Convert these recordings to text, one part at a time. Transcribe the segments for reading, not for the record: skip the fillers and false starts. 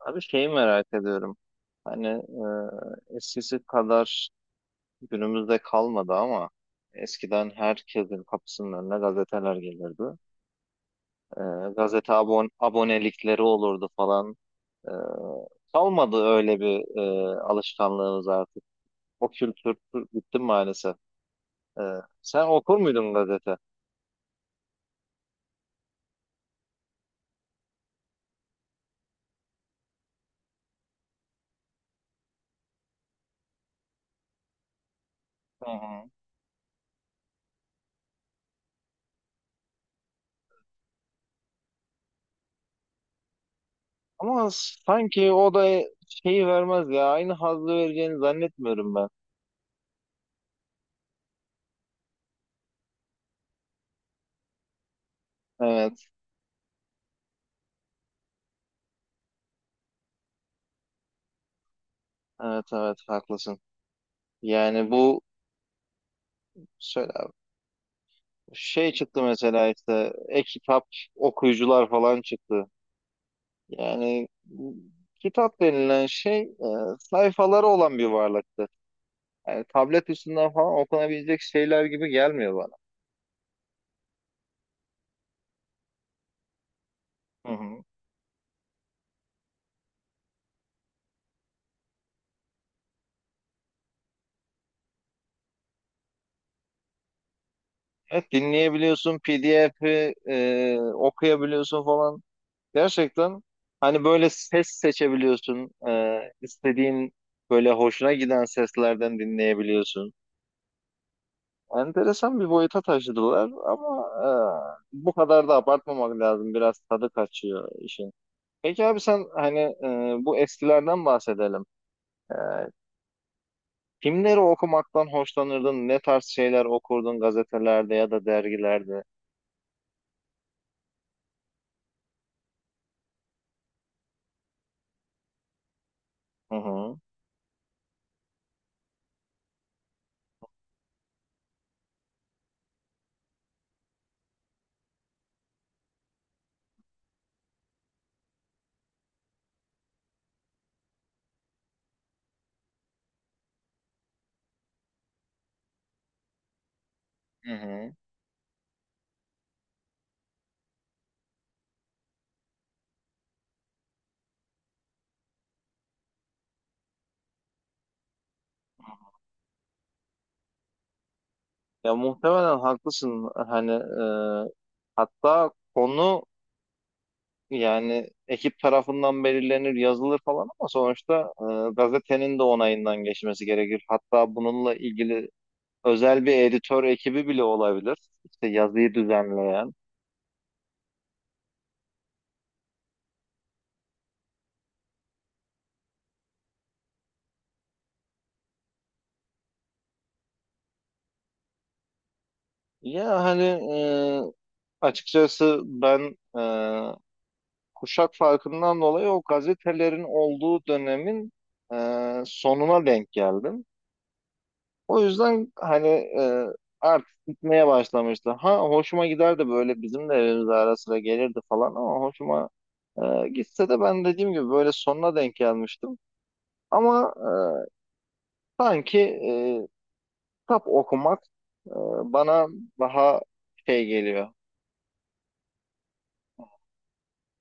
Abi şeyi merak ediyorum. Hani eskisi kadar günümüzde kalmadı ama eskiden herkesin kapısının önüne gazeteler gelirdi. E, gazete abonelikleri olurdu falan. E, Kalmadı öyle bir alışkanlığımız artık. O kültür bitti maalesef. E, Sen okur muydun gazete? Hı hı. Ama sanki o da şeyi vermez ya. Aynı hazzı vereceğini zannetmiyorum ben. Evet, evet, evet haklısın. Yani Söyle abi. Şey çıktı mesela işte e-kitap okuyucular falan çıktı. Yani kitap denilen şey sayfaları olan bir varlıktı. Yani tablet üstünden falan okunabilecek şeyler gibi gelmiyor bana. Hı hı. Evet dinleyebiliyorsun, PDF'i okuyabiliyorsun falan. Gerçekten hani böyle ses seçebiliyorsun. İstediğin böyle hoşuna giden seslerden dinleyebiliyorsun. Enteresan bir boyuta taşıdılar ama bu kadar da abartmamak lazım. Biraz tadı kaçıyor işin. Peki abi sen bu eskilerden bahsedelim. E, Kimleri okumaktan hoşlanırdın? Ne tarz şeyler okurdun gazetelerde ya da dergilerde? Hı hı. Hı hı. Ya muhtemelen haklısın. Hatta konu yani ekip tarafından belirlenir, yazılır falan ama sonuçta gazetenin de onayından geçmesi gerekir. Hatta bununla ilgili özel bir editör ekibi bile olabilir. İşte yazıyı düzenleyen. Ya hani e, açıkçası kuşak farkından dolayı o gazetelerin olduğu dönemin sonuna denk geldim. O yüzden e, artık gitmeye başlamıştı. Ha hoşuma giderdi böyle bizim de evimize ara sıra gelirdi falan ama hoşuma gitse de ben dediğim gibi böyle sonuna denk gelmiştim. Ama sanki kitap okumak e, bana daha şey geliyor.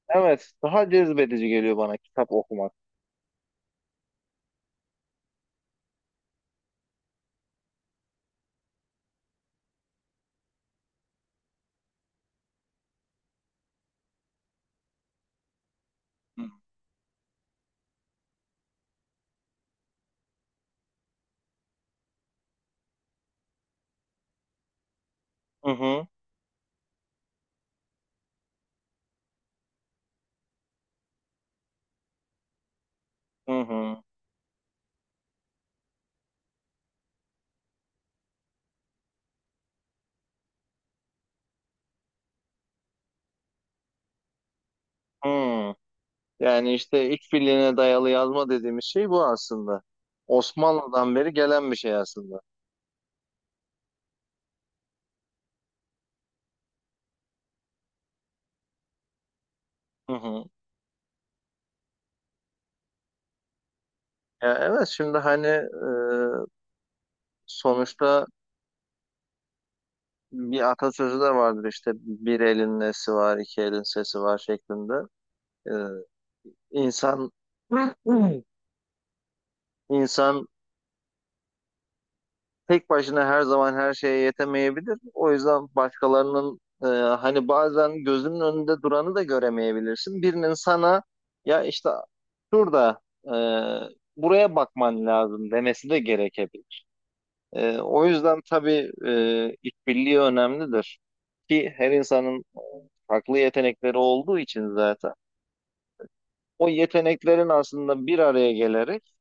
Evet, daha cezbedici geliyor bana kitap okumak. Hı. Hı hı, hı hı. Yani işte işbirliğine dayalı yazma dediğimiz şey bu aslında. Osmanlı'dan beri gelen bir şey aslında. Hı hı. Ya evet, şimdi sonuçta bir atasözü de vardır işte bir elin nesi var, iki elin sesi var şeklinde. E, insan insan tek başına her zaman her şeye yetemeyebilir. O yüzden başkalarının hani bazen gözünün önünde duranı da göremeyebilirsin. Birinin sana ya işte şurada e, buraya bakman lazım demesi de gerekebilir. O yüzden tabii işbirliği önemlidir. Ki her insanın farklı yetenekleri olduğu için zaten o yeteneklerin aslında bir araya gelerek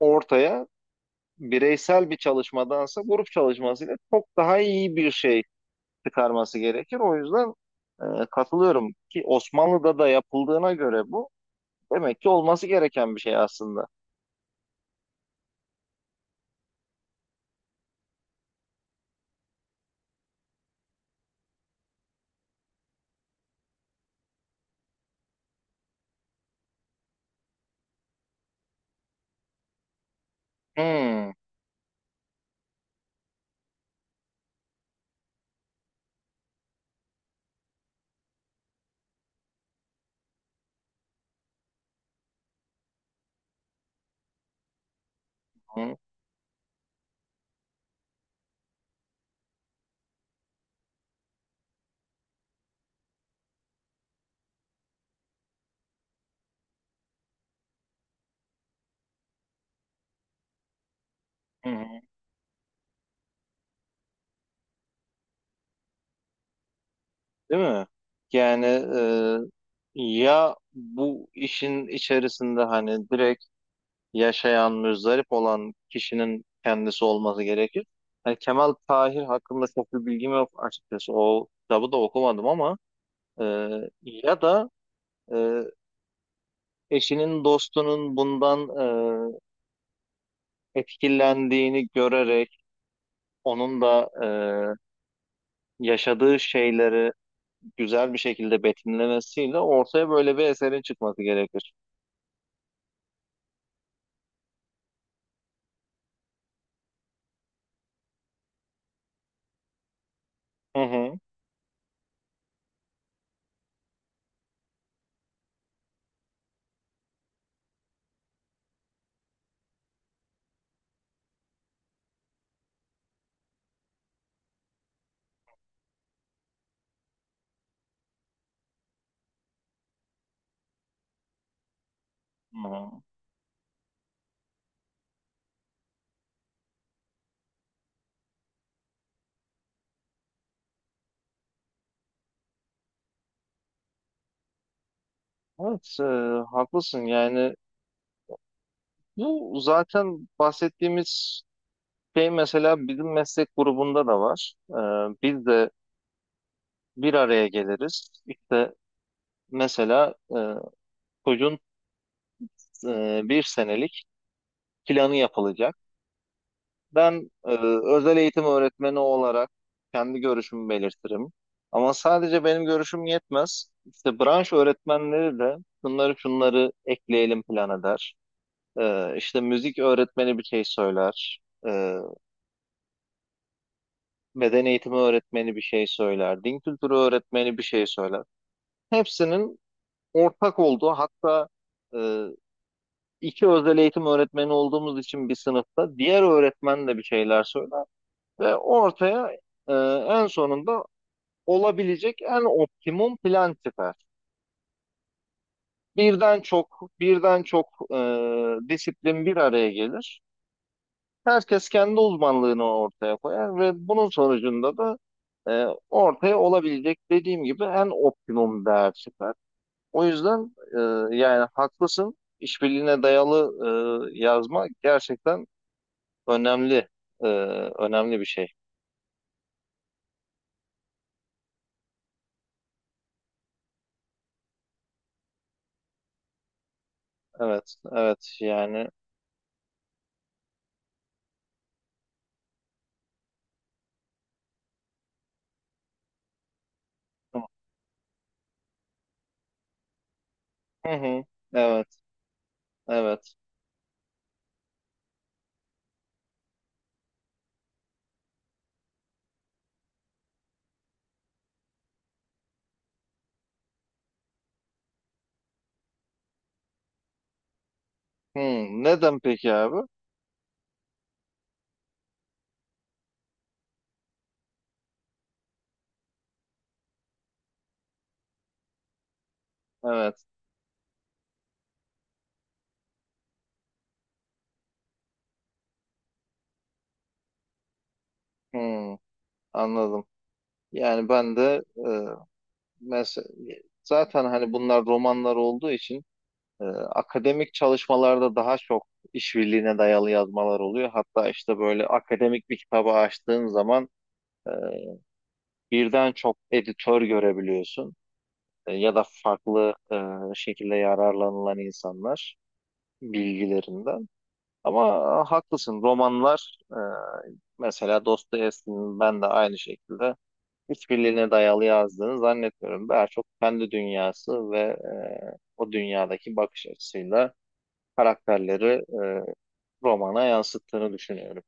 ortaya bireysel bir çalışmadansa grup çalışmasıyla çok daha iyi bir şey çıkarması gerekir. O yüzden katılıyorum ki Osmanlı'da da yapıldığına göre bu demek ki olması gereken bir şey aslında. Hmm, hı, hı, hı. Değil mi? Yani ya bu işin içerisinde hani direkt yaşayan, muzdarip olan kişinin kendisi olması gerekir. Hani Kemal Tahir hakkında çok bir bilgim yok açıkçası. O kitabı da okumadım ama e, ya da e, eşinin, dostunun bundan etkilendiğini görerek onun da yaşadığı şeyleri güzel bir şekilde betimlemesiyle ortaya böyle bir eserin çıkması gerekir. Hı hı. Hı hı. Evet, haklısın. Yani bu zaten bahsettiğimiz şey mesela bizim meslek grubunda da var. Biz de bir araya geliriz. İşte mesela çocuğun bir senelik planı yapılacak. Ben özel eğitim öğretmeni olarak kendi görüşümü belirtirim. Ama sadece benim görüşüm yetmez. İşte branş öğretmenleri de şunları şunları ekleyelim plan eder. İşte müzik öğretmeni bir şey söyler. E, Beden eğitimi öğretmeni bir şey söyler. Din kültürü öğretmeni bir şey söyler. Hepsinin ortak olduğu hatta e, iki özel eğitim öğretmeni olduğumuz için bir sınıfta diğer öğretmen de bir şeyler söyler. Ve ortaya ee, en sonunda olabilecek en optimum plan tipi. Birden çok, birden çok e, disiplin bir araya gelir. Herkes kendi uzmanlığını ortaya koyar ve bunun sonucunda da ortaya olabilecek dediğim gibi en optimum değer çıkar. O yüzden yani haklısın. İşbirliğine dayalı yazma gerçekten önemli e, önemli bir şey. Evet, evet yani. Hı hı, evet, evet. Hı, neden peki abi? Evet. Hmm, anladım. Yani ben de mesela zaten hani bunlar romanlar olduğu için akademik çalışmalarda daha çok işbirliğine dayalı yazmalar oluyor. Hatta işte böyle akademik bir kitabı açtığın zaman e, birden çok editör görebiliyorsun. Ya da farklı şekilde yararlanılan insanlar bilgilerinden. Ama haklısın romanlar mesela Dostoyevski'nin ben de aynı şekilde hiçbirliğine dayalı yazdığını zannetmiyorum. Daha çok kendi dünyası ve o dünyadaki bakış açısıyla karakterleri e, romana yansıttığını düşünüyorum.